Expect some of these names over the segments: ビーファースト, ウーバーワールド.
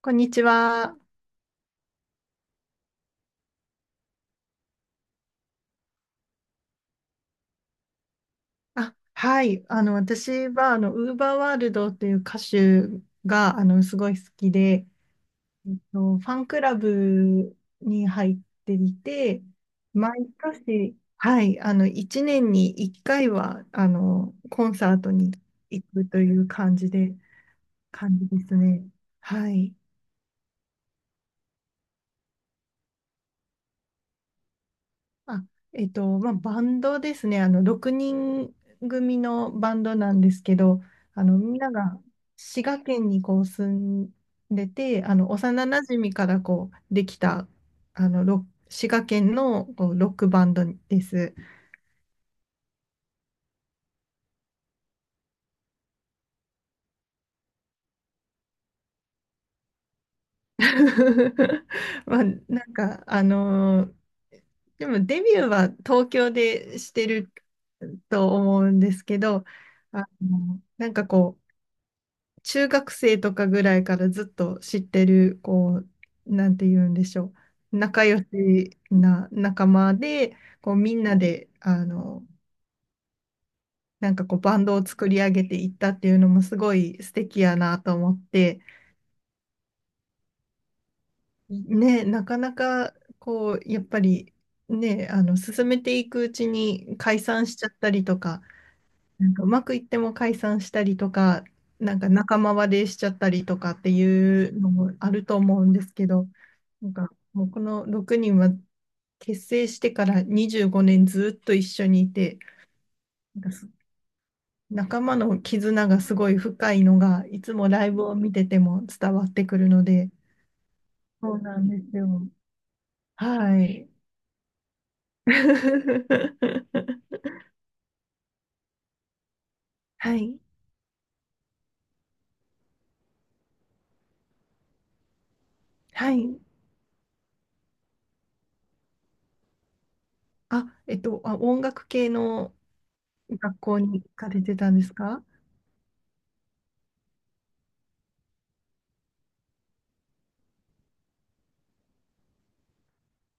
こんにちは。あ、はい。私は、ウーバーワールドという歌手が、すごい好きで、ファンクラブに入っていて、毎年、はい、1年に1回は、コンサートに行くという感じですね。はい。あ、まあ、バンドですね。6人組のバンドなんですけど、みんなが滋賀県にこう住んでて、幼馴染からこう、できた、あの、ロ滋賀県のこうロックバンドです。まあ、なんか、でもデビューは東京でしてると思うんですけど、なんかこう、中学生とかぐらいからずっと知ってる、こう、なんて言うんでしょう。仲良しな仲間で、こう、みんなで、なんかこう、バンドを作り上げていったっていうのもすごい素敵やなと思って、ね、なかなか、こう、やっぱり、ね、進めていくうちに解散しちゃったりとか、なんかうまくいっても解散したりとか、なんか仲間割れしちゃったりとかっていうのもあると思うんですけど、なんかもうこの6人は結成してから25年ずっと一緒にいて、なんかす仲間の絆がすごい深いのが、いつもライブを見てても伝わってくるので、そうなんですよ。はい。はい。はい。あ、音楽系の学校に行かれてたんですか？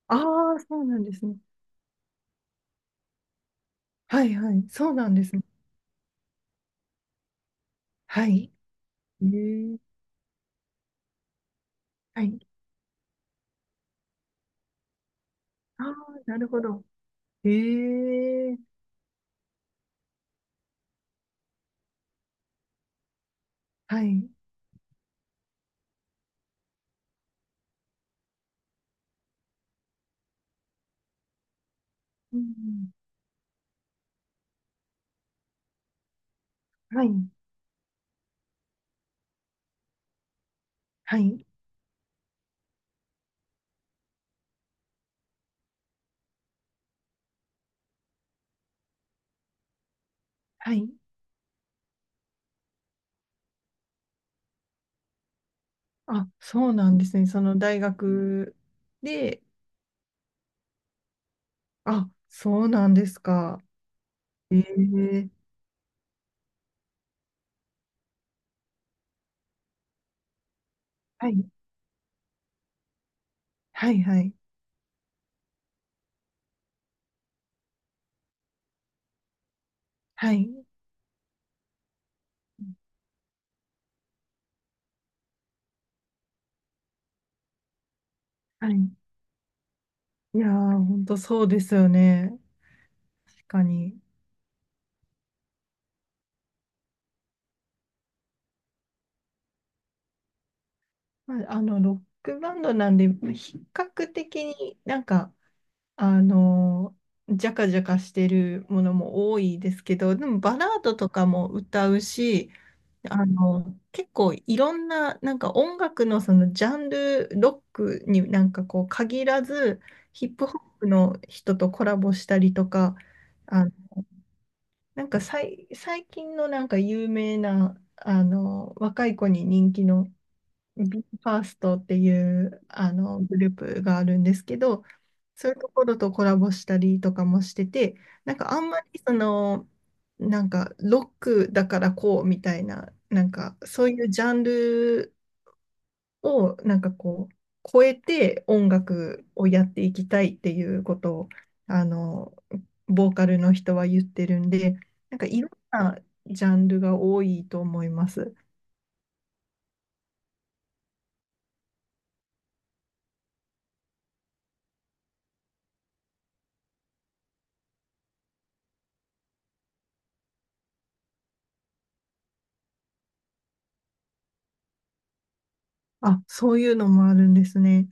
ああ、そうなんですね。はいはい。そうなんですね。はい。えーはい。ああ、なるほど。ええはい。うん。はい。はい。はい。あ、そうなんですね。その大学で、あ、そうなんですか。ええはい。はいはい。はい。はい。いやー、ほんとそうですよね。確かに。まあ、ロックバンドなんで、比較的になんか、あの、ジャカジャカしてるものも多いですけど、でもバラードとかも歌うし、あの、結構いろんな、なんか音楽のそのジャンル、ロックになんかこう限らず、ヒップホップの人とコラボしたりとか、あ、なんか最近のなんか有名な、若い子に人気のビーファーストっていうあのグループがあるんですけど、そういうところとコラボしたりとかもしてて、なんかあんまりその、なんかロックだからこうみたいな、なんかそういうジャンルをなんかこう、超えて音楽をやっていきたいっていうことを、あの、ボーカルの人は言ってるんで、なんかいろんなジャンルが多いと思います。あ、そういうのもあるんですね。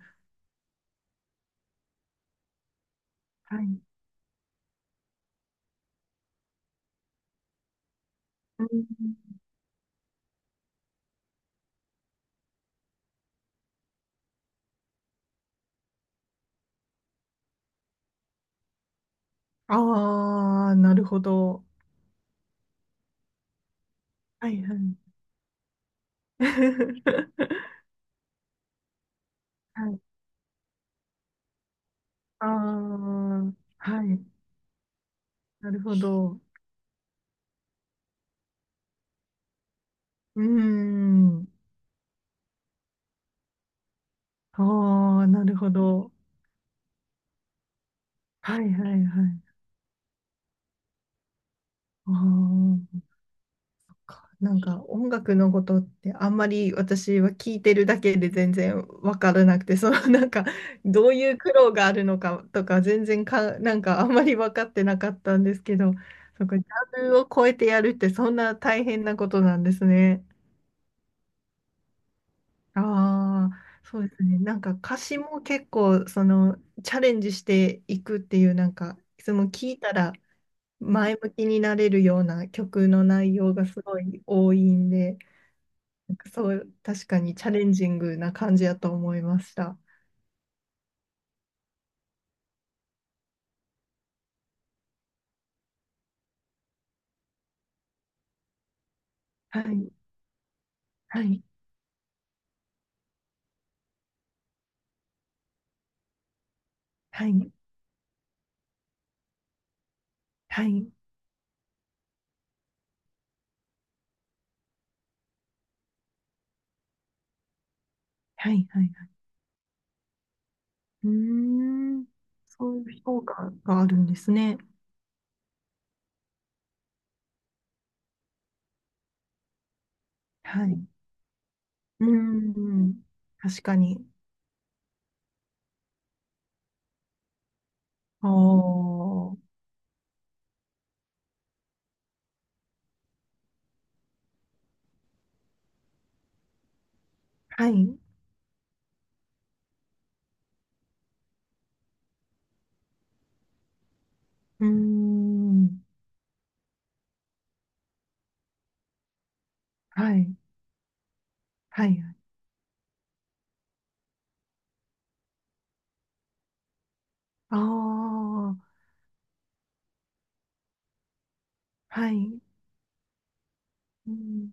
はいああー、なるほど。はいはい。はい。ああ、はい。なるほど。うーん。ああ、なるほど。はいはいはい。ああ。なんか音楽のことってあんまり私は聞いてるだけで全然わからなくて、そのなんかどういう苦労があるのかとか全然か、なんかあんまり分かってなかったんですけど、そこジャンルを超えてやるってそんな大変なことなんですね。ああ、そうですね。なんか歌詞も結構そのチャレンジしていくっていうなんかいつも聞いたら前向きになれるような曲の内容がすごい多いんで。そう、確かにチャレンジングな感じやと思いました。はい、はい、はい、はい、はい、はい。うーん、そういう評価があるんですね。はい。うーん、確かに。ああ、はい。うーん、はい、はい。ああ、はい。うん、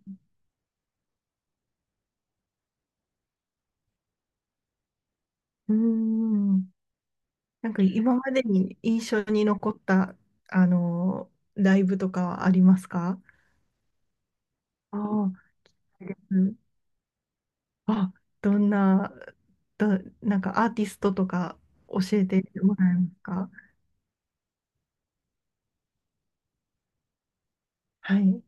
うーんなんか今までに印象に残った、ライブとかはありますか？ああうんあ、どんな、ど、なんかアーティストとか教えてもらえますか？はい。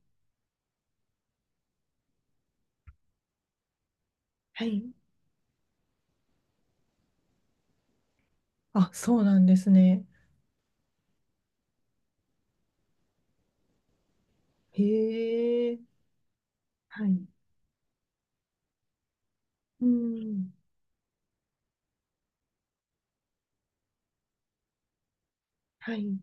はい。あ、そうなんですね。へえ。はい。うん。はい。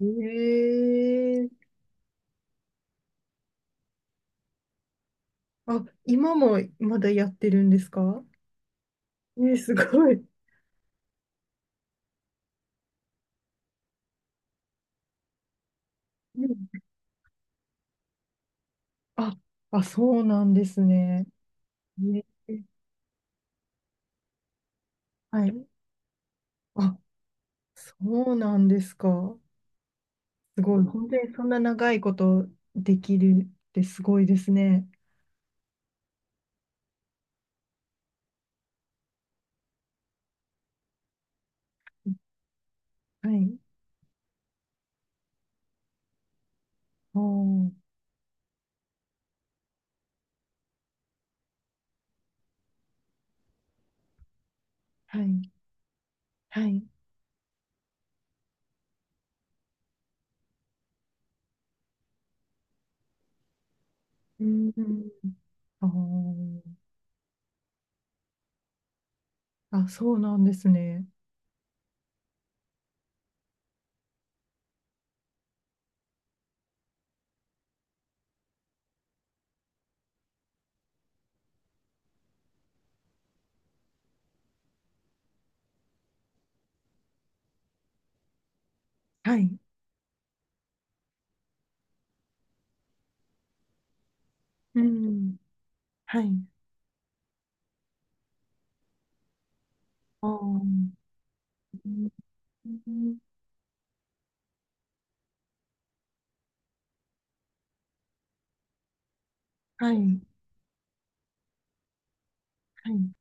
へえ。あ、今もまだやってるんですか？すごい。うんあ、あ、そうなんですね。ねはい。あ、そうなんですか。すごい。本当にそんな長いことできるってすごいですね。はい。おー、はい。はい。うん。あーあ、そうなんですね。はい。うん。はい。あーうんはい。はい。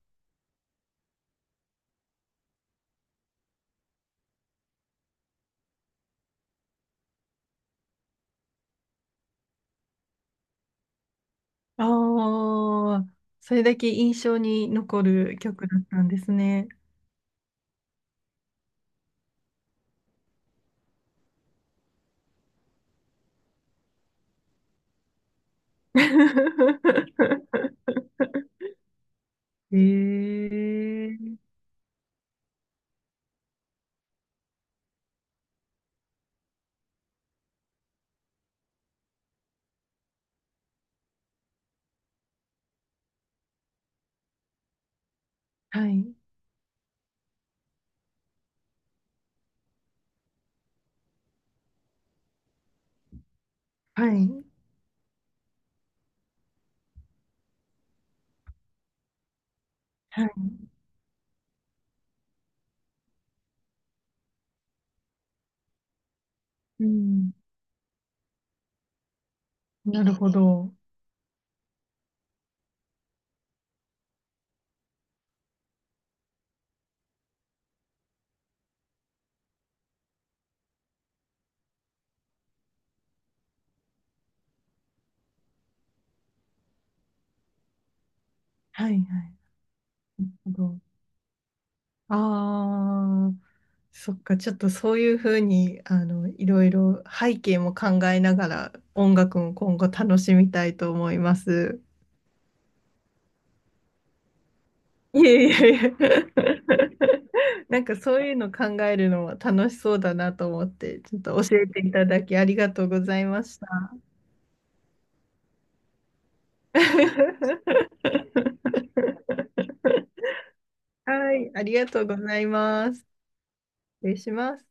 ああ、それだけ印象に残る曲だったんですね。ええはい。はい。はい。うん。なるほど。はいはい。なるほど。ああ、そっか。ちょっとそういうふうに、いろいろ背景も考えながら音楽も今後楽しみたいと思います。いえいえいえ。なんかそういうの考えるのも楽しそうだなと思って、ちょっと教えていただきありがとうございました。はい、ありがとうございます。失礼します。